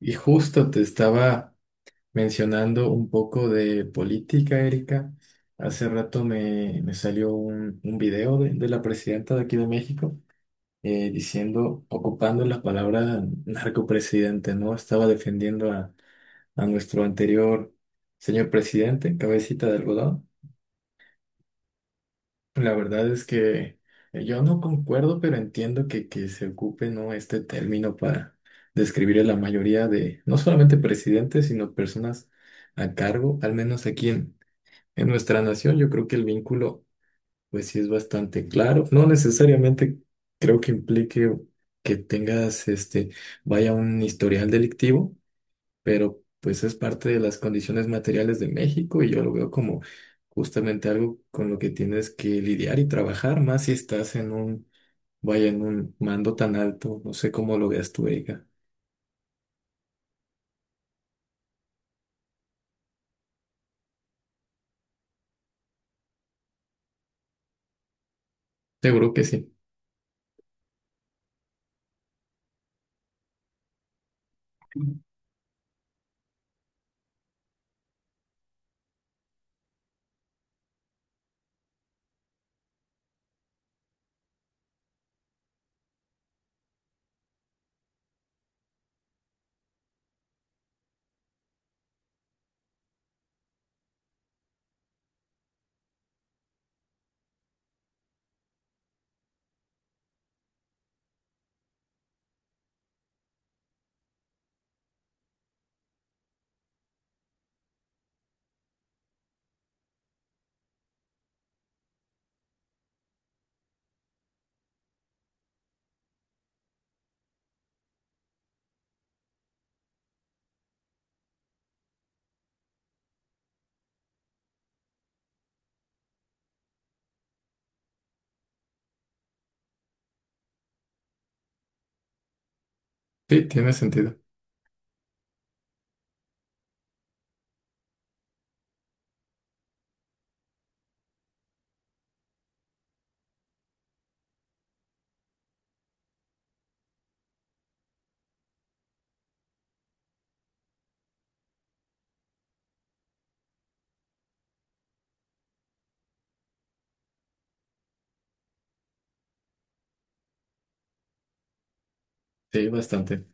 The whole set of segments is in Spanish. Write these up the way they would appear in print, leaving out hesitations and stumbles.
Y justo te estaba mencionando un poco de política, Erika. Hace rato me salió un video de la presidenta de aquí de México diciendo, ocupando la palabra narcopresidente, ¿no? Estaba defendiendo a nuestro anterior señor presidente, cabecita de algodón. La verdad es que yo no concuerdo, pero entiendo que se ocupe, ¿no?, este término para describir a la mayoría de, no solamente presidentes, sino personas a cargo, al menos aquí en nuestra nación. Yo creo que el vínculo pues sí es bastante claro. No necesariamente creo que implique que tengas, este, vaya, un historial delictivo, pero pues es parte de las condiciones materiales de México y yo lo veo como justamente algo con lo que tienes que lidiar y trabajar, más si estás en un, vaya, en un mando tan alto. No sé cómo lo veas tú, Erika. Seguro que sí. Sí, tiene sentido. Sí, bastante.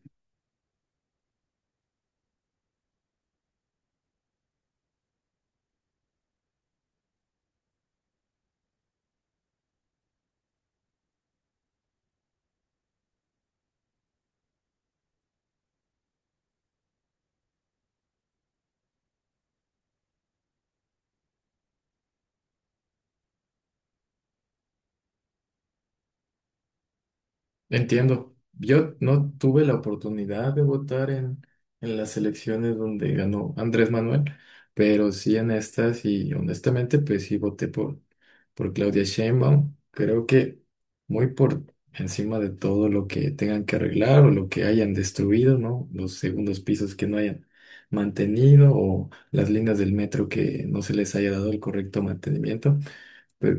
Entiendo. Yo no tuve la oportunidad de votar en las elecciones donde ganó Andrés Manuel, pero sí en estas y honestamente pues sí voté por Claudia Sheinbaum. Creo que muy por encima de todo lo que tengan que arreglar o lo que hayan destruido, ¿no? Los segundos pisos que no hayan mantenido o las líneas del metro que no se les haya dado el correcto mantenimiento. Pues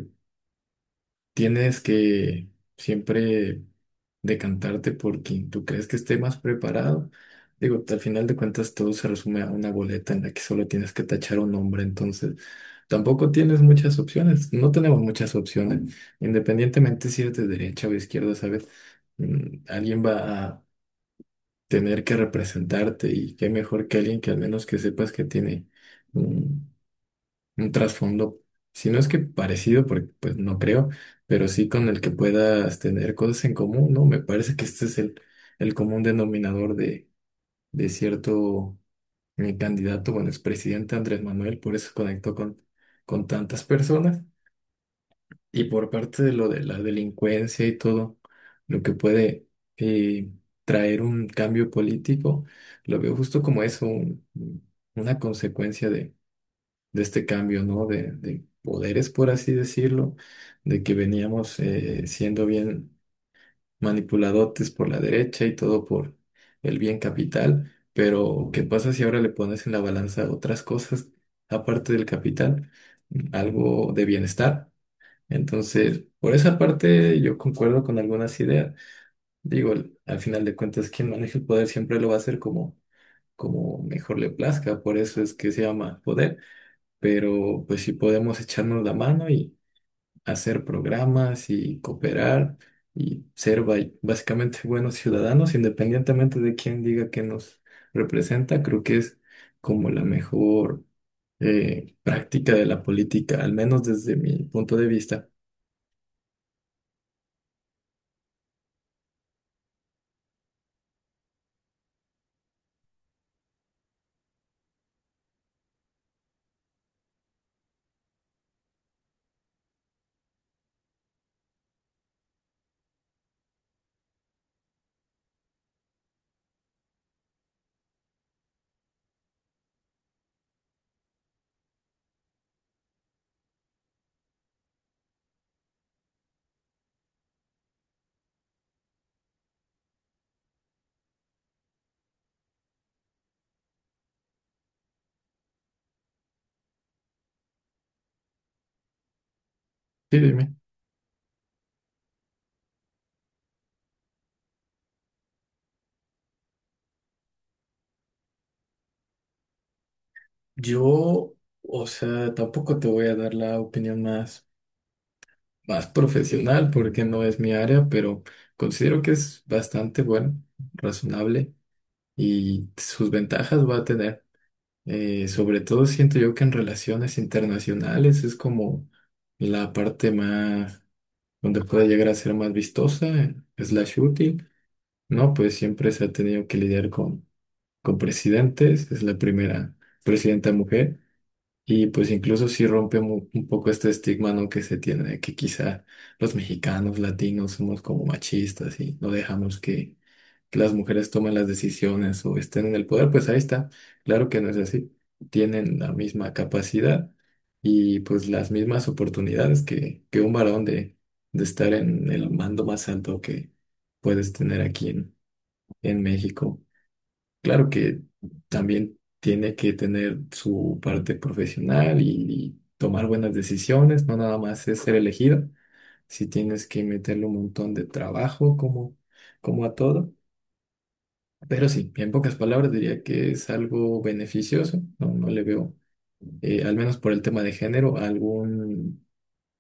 tienes que siempre decantarte por quien tú crees que esté más preparado. Digo, al final de cuentas todo se resume a una boleta en la que solo tienes que tachar un nombre, entonces tampoco tienes muchas opciones, no tenemos muchas opciones, independientemente si eres de derecha o izquierda, ¿sabes? Mm, alguien va a tener que representarte y qué mejor que alguien que al menos que sepas que tiene un trasfondo, si no es que parecido, porque pues no creo, pero sí con el que puedas tener cosas en común, ¿no? Me parece que este es el común denominador de cierto candidato, bueno, expresidente Andrés Manuel, por eso conectó con tantas personas. Y por parte de lo de la delincuencia y todo, lo que puede eh, traer un cambio político, lo veo justo como eso, una consecuencia de este cambio, ¿no? De poderes, por así decirlo, de que veníamos siendo bien manipuladotes por la derecha y todo por el bien capital, pero ¿qué pasa si ahora le pones en la balanza otras cosas aparte del capital? Algo de bienestar. Entonces, por esa parte yo concuerdo con algunas ideas. Digo, al final de cuentas, quien maneja el poder siempre lo va a hacer como, como mejor le plazca, por eso es que se llama poder, pero pues si podemos echarnos la mano y hacer programas y cooperar y ser básicamente buenos ciudadanos, independientemente de quién diga que nos representa, creo que es como la mejor práctica de la política, al menos desde mi punto de vista. Sí, dime. Yo, o sea, tampoco te voy a dar la opinión más, más profesional porque no es mi área, pero considero que es bastante bueno, razonable. Y sus ventajas va a tener. Sobre todo siento yo que en relaciones internacionales es como la parte más donde puede llegar a ser más vistosa, slash útil, ¿no? Pues siempre se ha tenido que lidiar con presidentes, es la primera presidenta mujer. Y pues incluso sí rompe un poco este estigma, ¿no?, que se tiene de que quizá los mexicanos, latinos, somos como machistas y no dejamos que las mujeres toman las decisiones o estén en el poder, pues ahí está. Claro que no es así. Tienen la misma capacidad y pues las mismas oportunidades que un varón de estar en el mando más alto que puedes tener aquí en México. Claro que también tiene que tener su parte profesional y tomar buenas decisiones, no nada más es ser elegido. Si tienes que meterle un montón de trabajo como, como a todo. Pero sí, en pocas palabras diría que es algo beneficioso. No, no le veo, al menos por el tema de género, algún,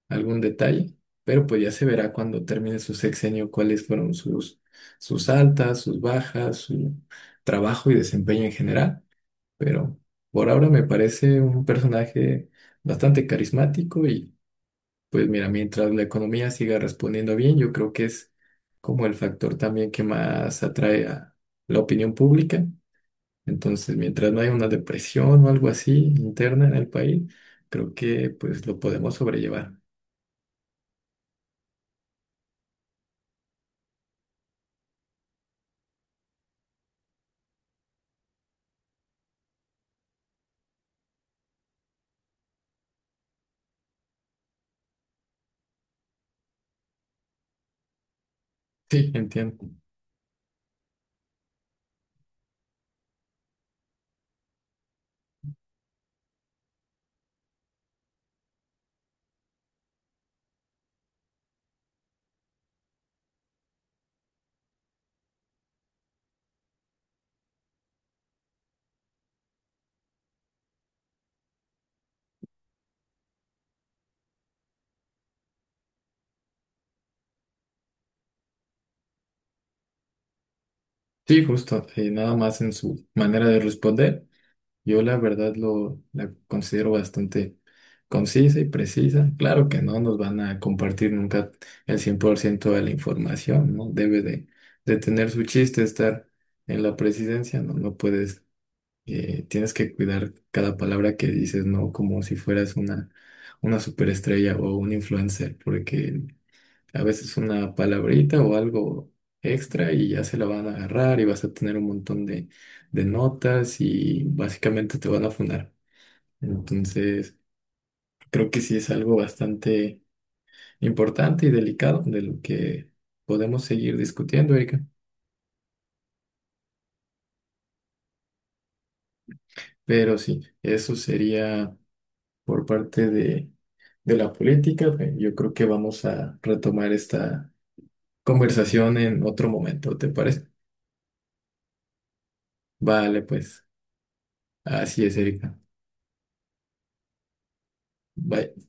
algún detalle, pero pues ya se verá cuando termine su sexenio cuáles fueron sus, sus altas, sus bajas, su trabajo y desempeño en general, pero por ahora me parece un personaje bastante carismático y pues mira, mientras la economía siga respondiendo bien, yo creo que es como el factor también que más atrae a la opinión pública. Entonces, mientras no haya una depresión o algo así interna en el país, creo que pues lo podemos sobrellevar. Sí, entiendo. Sí, justo. Eh, nada más en su manera de responder, yo la verdad lo la considero bastante concisa y precisa. Claro que no nos van a compartir nunca el 100% de la información, ¿no? Debe de tener su chiste estar en la presidencia, ¿no? No puedes tienes que cuidar cada palabra que dices, ¿no? Como si fueras una superestrella o un influencer, porque a veces una palabrita o algo extra y ya se la van a agarrar y vas a tener un montón de notas y básicamente te van a funar. Entonces, creo que sí es algo bastante importante y delicado de lo que podemos seguir discutiendo, Erika. Pero sí, eso sería... por parte de la política, pues, yo creo que vamos a retomar esta conversación en otro momento, ¿te parece? Vale, pues así es, Erika. Bye.